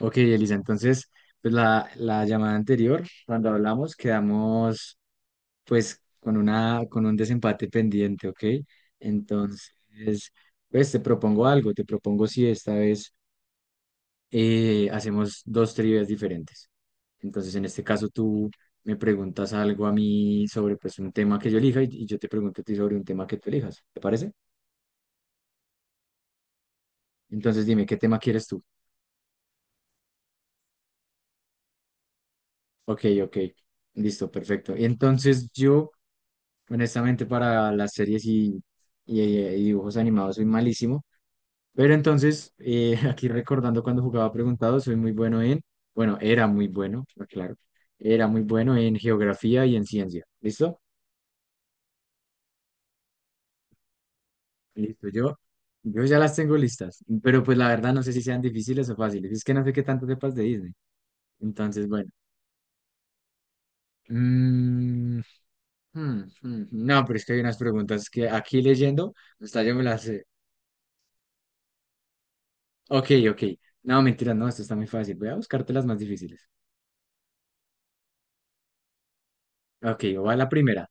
Ok, Elisa, entonces, pues la llamada anterior, cuando hablamos, quedamos pues con un desempate pendiente, ¿ok? Entonces, pues te propongo algo, te propongo si esta vez hacemos dos trivias diferentes. Entonces, en este caso, tú me preguntas algo a mí sobre pues un tema que yo elija y yo te pregunto a ti sobre un tema que tú elijas, ¿te parece? Entonces, dime, ¿qué tema quieres tú? Ok, ok, listo, perfecto. Entonces, yo. Honestamente, para las series y dibujos animados soy malísimo. Pero entonces, aquí recordando cuando jugaba preguntado, soy muy bueno en, bueno, era muy bueno, claro, era muy bueno en geografía y en ciencia. ¿Listo? Listo, yo ya las tengo listas. Pero pues la verdad no sé si sean difíciles o fáciles. Es que no sé qué tanto sepas de Disney. Entonces, bueno. Mm, hmm, hmm, hmm. No, pero es que hay unas preguntas que aquí leyendo, hasta yo me las sé. Ok, ok. No, mentira, no, esto está muy fácil. Voy a buscarte las más difíciles. Ok, va la primera.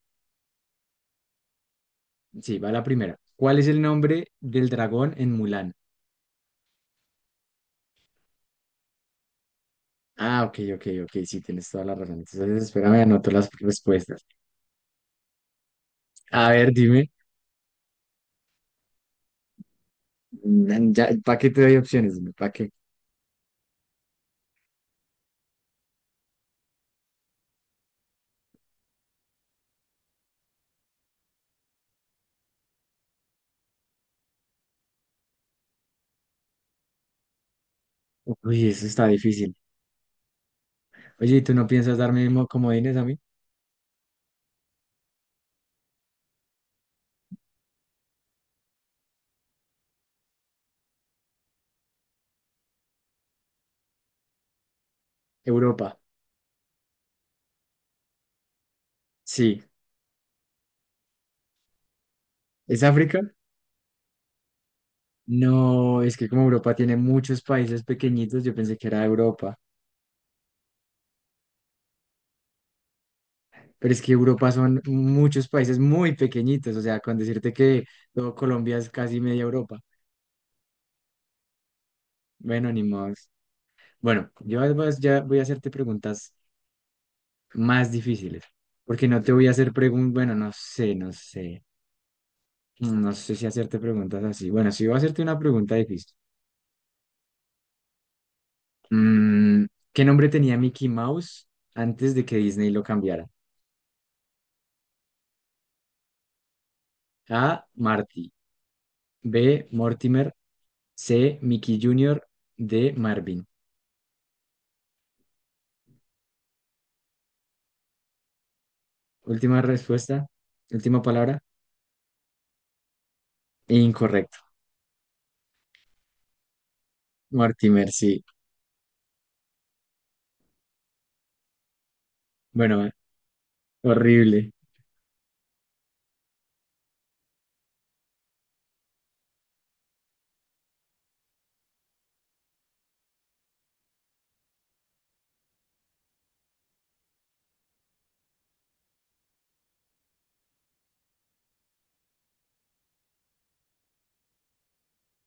Sí, va la primera. ¿Cuál es el nombre del dragón en Mulan? Ah, ok, ok, ok. Sí, tienes toda la razón. Entonces, espérame, anoto las respuestas. A ver, dime. Ya, ¿para qué te doy opciones? ¿Para qué? Uy, eso está difícil. Oye, ¿y tú no piensas darme comodines a mí? Europa. Sí. ¿Es África? No, es que como Europa tiene muchos países pequeñitos, yo pensé que era Europa. Pero es que Europa son muchos países muy pequeñitos, o sea, con decirte que todo Colombia es casi media Europa. Bueno, ni modos. Bueno, yo además ya voy a hacerte preguntas más difíciles, porque no te voy a hacer preguntas, bueno, no sé, no sé, no sé si hacerte preguntas así. Bueno, sí voy a hacerte una pregunta difícil. Mm, ¿qué nombre tenía Mickey Mouse antes de que Disney lo cambiara? A. Marty, B. Mortimer, C. Mickey Junior. D. Marvin. Última respuesta, última palabra. E Incorrecto. Mortimer, sí. Bueno, horrible.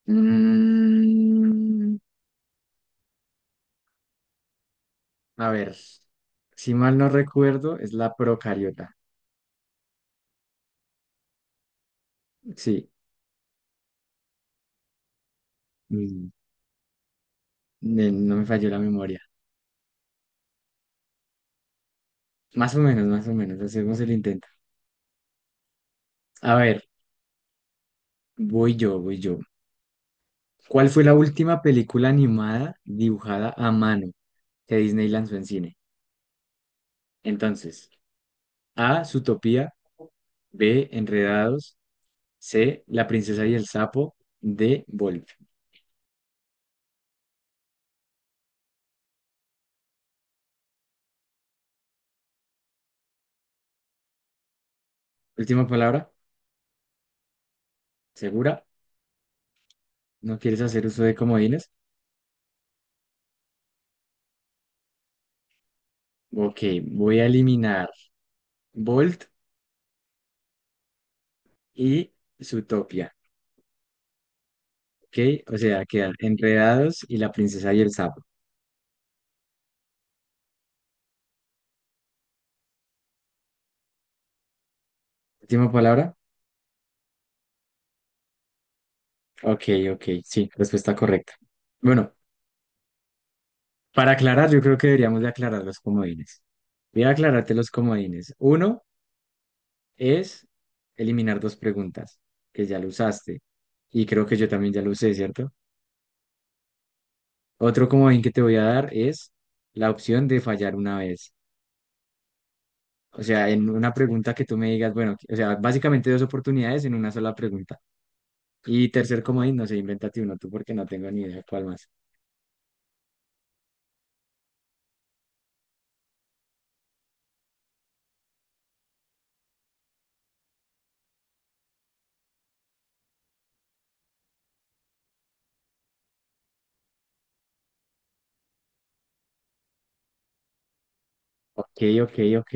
Mm, a ver, si mal no recuerdo, es la procariota. Sí, mm, no me falló la memoria. Más o menos, hacemos el intento. A ver, voy yo, voy yo. ¿Cuál fue la última película animada dibujada a mano que Disney lanzó en cine? Entonces, A, Zootopia, B, Enredados. C, La princesa y el sapo de Wolf. Última palabra, ¿segura? ¿No quieres hacer uso de comodines? Ok, voy a eliminar Bolt y Zootopia. Ok, o sea, quedan Enredados y La princesa y el sapo. Última palabra, ok, ok, sí, respuesta correcta. Bueno, para aclarar, yo creo que deberíamos de aclarar los comodines. Voy a aclararte los comodines. Uno es eliminar dos preguntas, que ya lo usaste. Y creo que yo también ya lo usé, ¿cierto? Otro comodín que te voy a dar es la opción de fallar una vez. O sea, en una pregunta que tú me digas, bueno, o sea, básicamente dos oportunidades en una sola pregunta. Y tercer comodín, no sé, invéntate uno tú porque no tengo ni idea cuál más. Ok, ok, ok.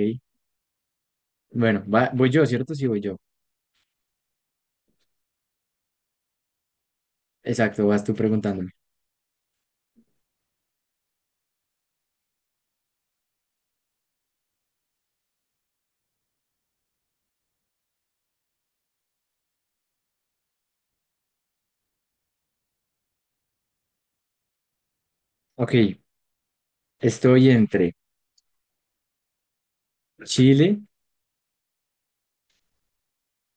Bueno, voy yo, ¿cierto? Sí, voy yo. Exacto, vas tú preguntándome. Ok, estoy entre Chile,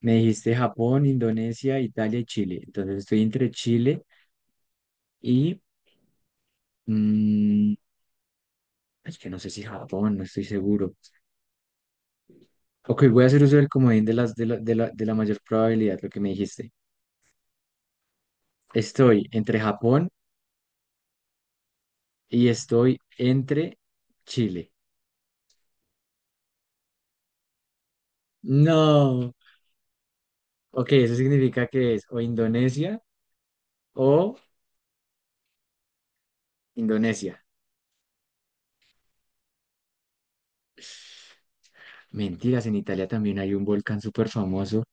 me dijiste Japón, Indonesia, Italia y Chile. Entonces estoy entre Chile y. mm, es que no sé si Japón, no estoy seguro. Ok, voy a hacer uso del comodín de las de la, de la, de la mayor probabilidad, lo que me dijiste. Estoy entre Japón y estoy entre Chile. No. Ok, eso significa que es o Indonesia o Indonesia. Mentiras, en Italia también hay un volcán súper famoso,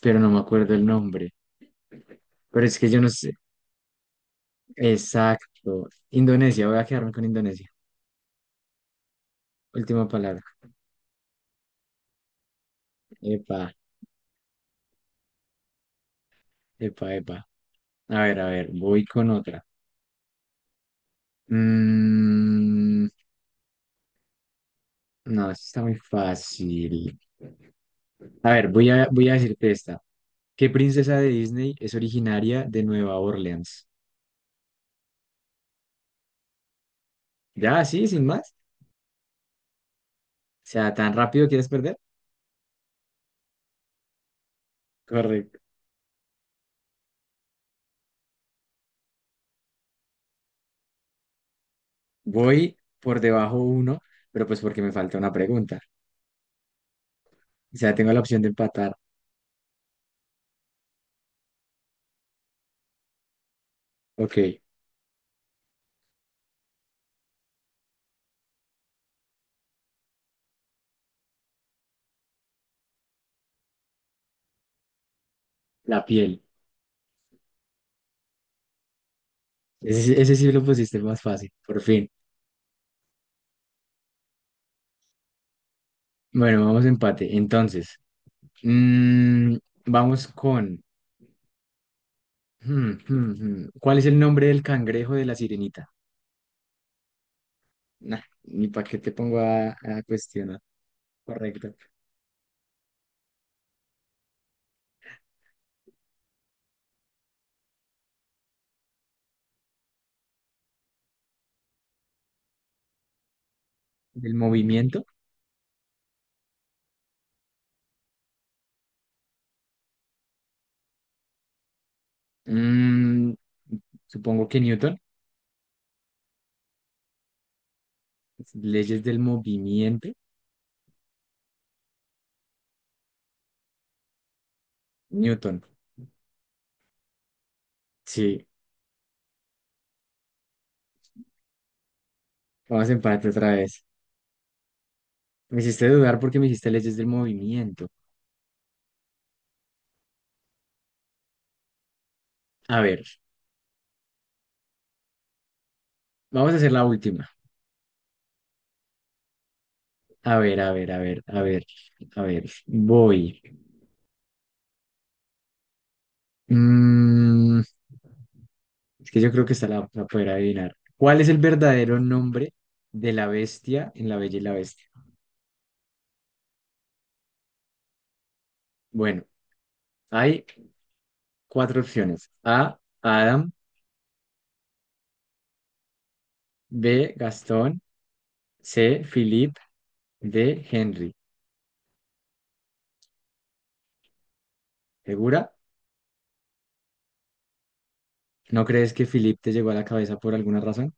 pero no me acuerdo el nombre. Pero es que yo no sé. Exacto. Indonesia, voy a quedarme con Indonesia. Última palabra. Epa, epa, epa. A ver, voy con otra. Mmm. No, esto está muy fácil. A ver, voy a decirte esta. ¿Qué princesa de Disney es originaria de Nueva Orleans? Ya, sí, sin más. O sea, ¿tan rápido quieres perder? Correcto. Voy por debajo uno, pero pues porque me falta una pregunta. O sea, tengo la opción de empatar. Ok, la piel. Ese sí lo pusiste más fácil, por fin. Bueno, vamos a empate. Entonces, mm, vamos con. Hmm, hmm, hmm. ¿Cuál es el nombre del cangrejo de la sirenita? Nah, ni para qué te pongo a cuestionar. Correcto. ¿Del movimiento? Mm, supongo que Newton. Leyes del movimiento. Newton. Sí, vamos a empate otra vez. Me hiciste dudar porque me hiciste leyes del movimiento. A ver, vamos a hacer la última. A ver, a ver, a ver, a ver, a ver. Voy. Mm, es que yo creo que esta la poder adivinar. ¿Cuál es el verdadero nombre de la bestia en La Bella y la Bestia? Bueno, hay cuatro opciones. A, Adam, B, Gastón, C, Philip, D, Henry. ¿Segura? ¿No crees que Philip te llegó a la cabeza por alguna razón?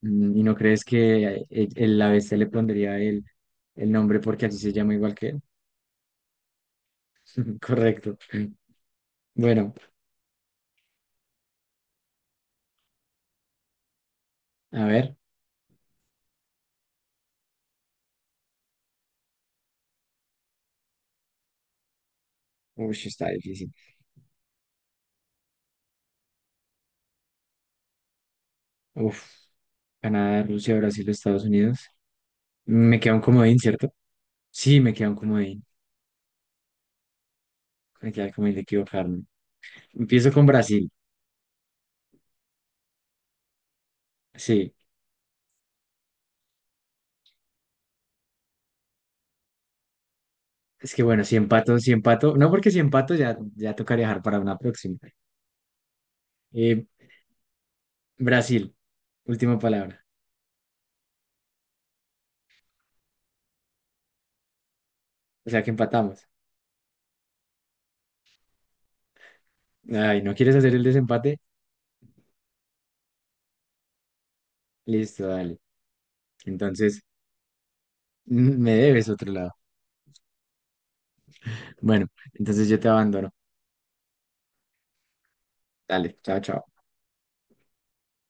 ¿Y no crees que el ABC le pondría el nombre porque así se llama igual que él? Correcto. Bueno, a ver. Uy, está difícil. Uf. Canadá, Rusia, Brasil, Estados Unidos. Me queda un comodín, ¿cierto? Sí, me queda un comodín. Me queda el comodín de equivocarme. Empiezo con Brasil. Sí. Es que bueno, si empato, si empato, no porque si empato ya, ya tocaría dejar para una próxima. Eh, Brasil, última palabra. O sea que empatamos. Ay, ¿no quieres hacer el desempate? Listo, dale. Entonces, me debes otro lado. Bueno, entonces yo te abandono. Dale, chao, chao.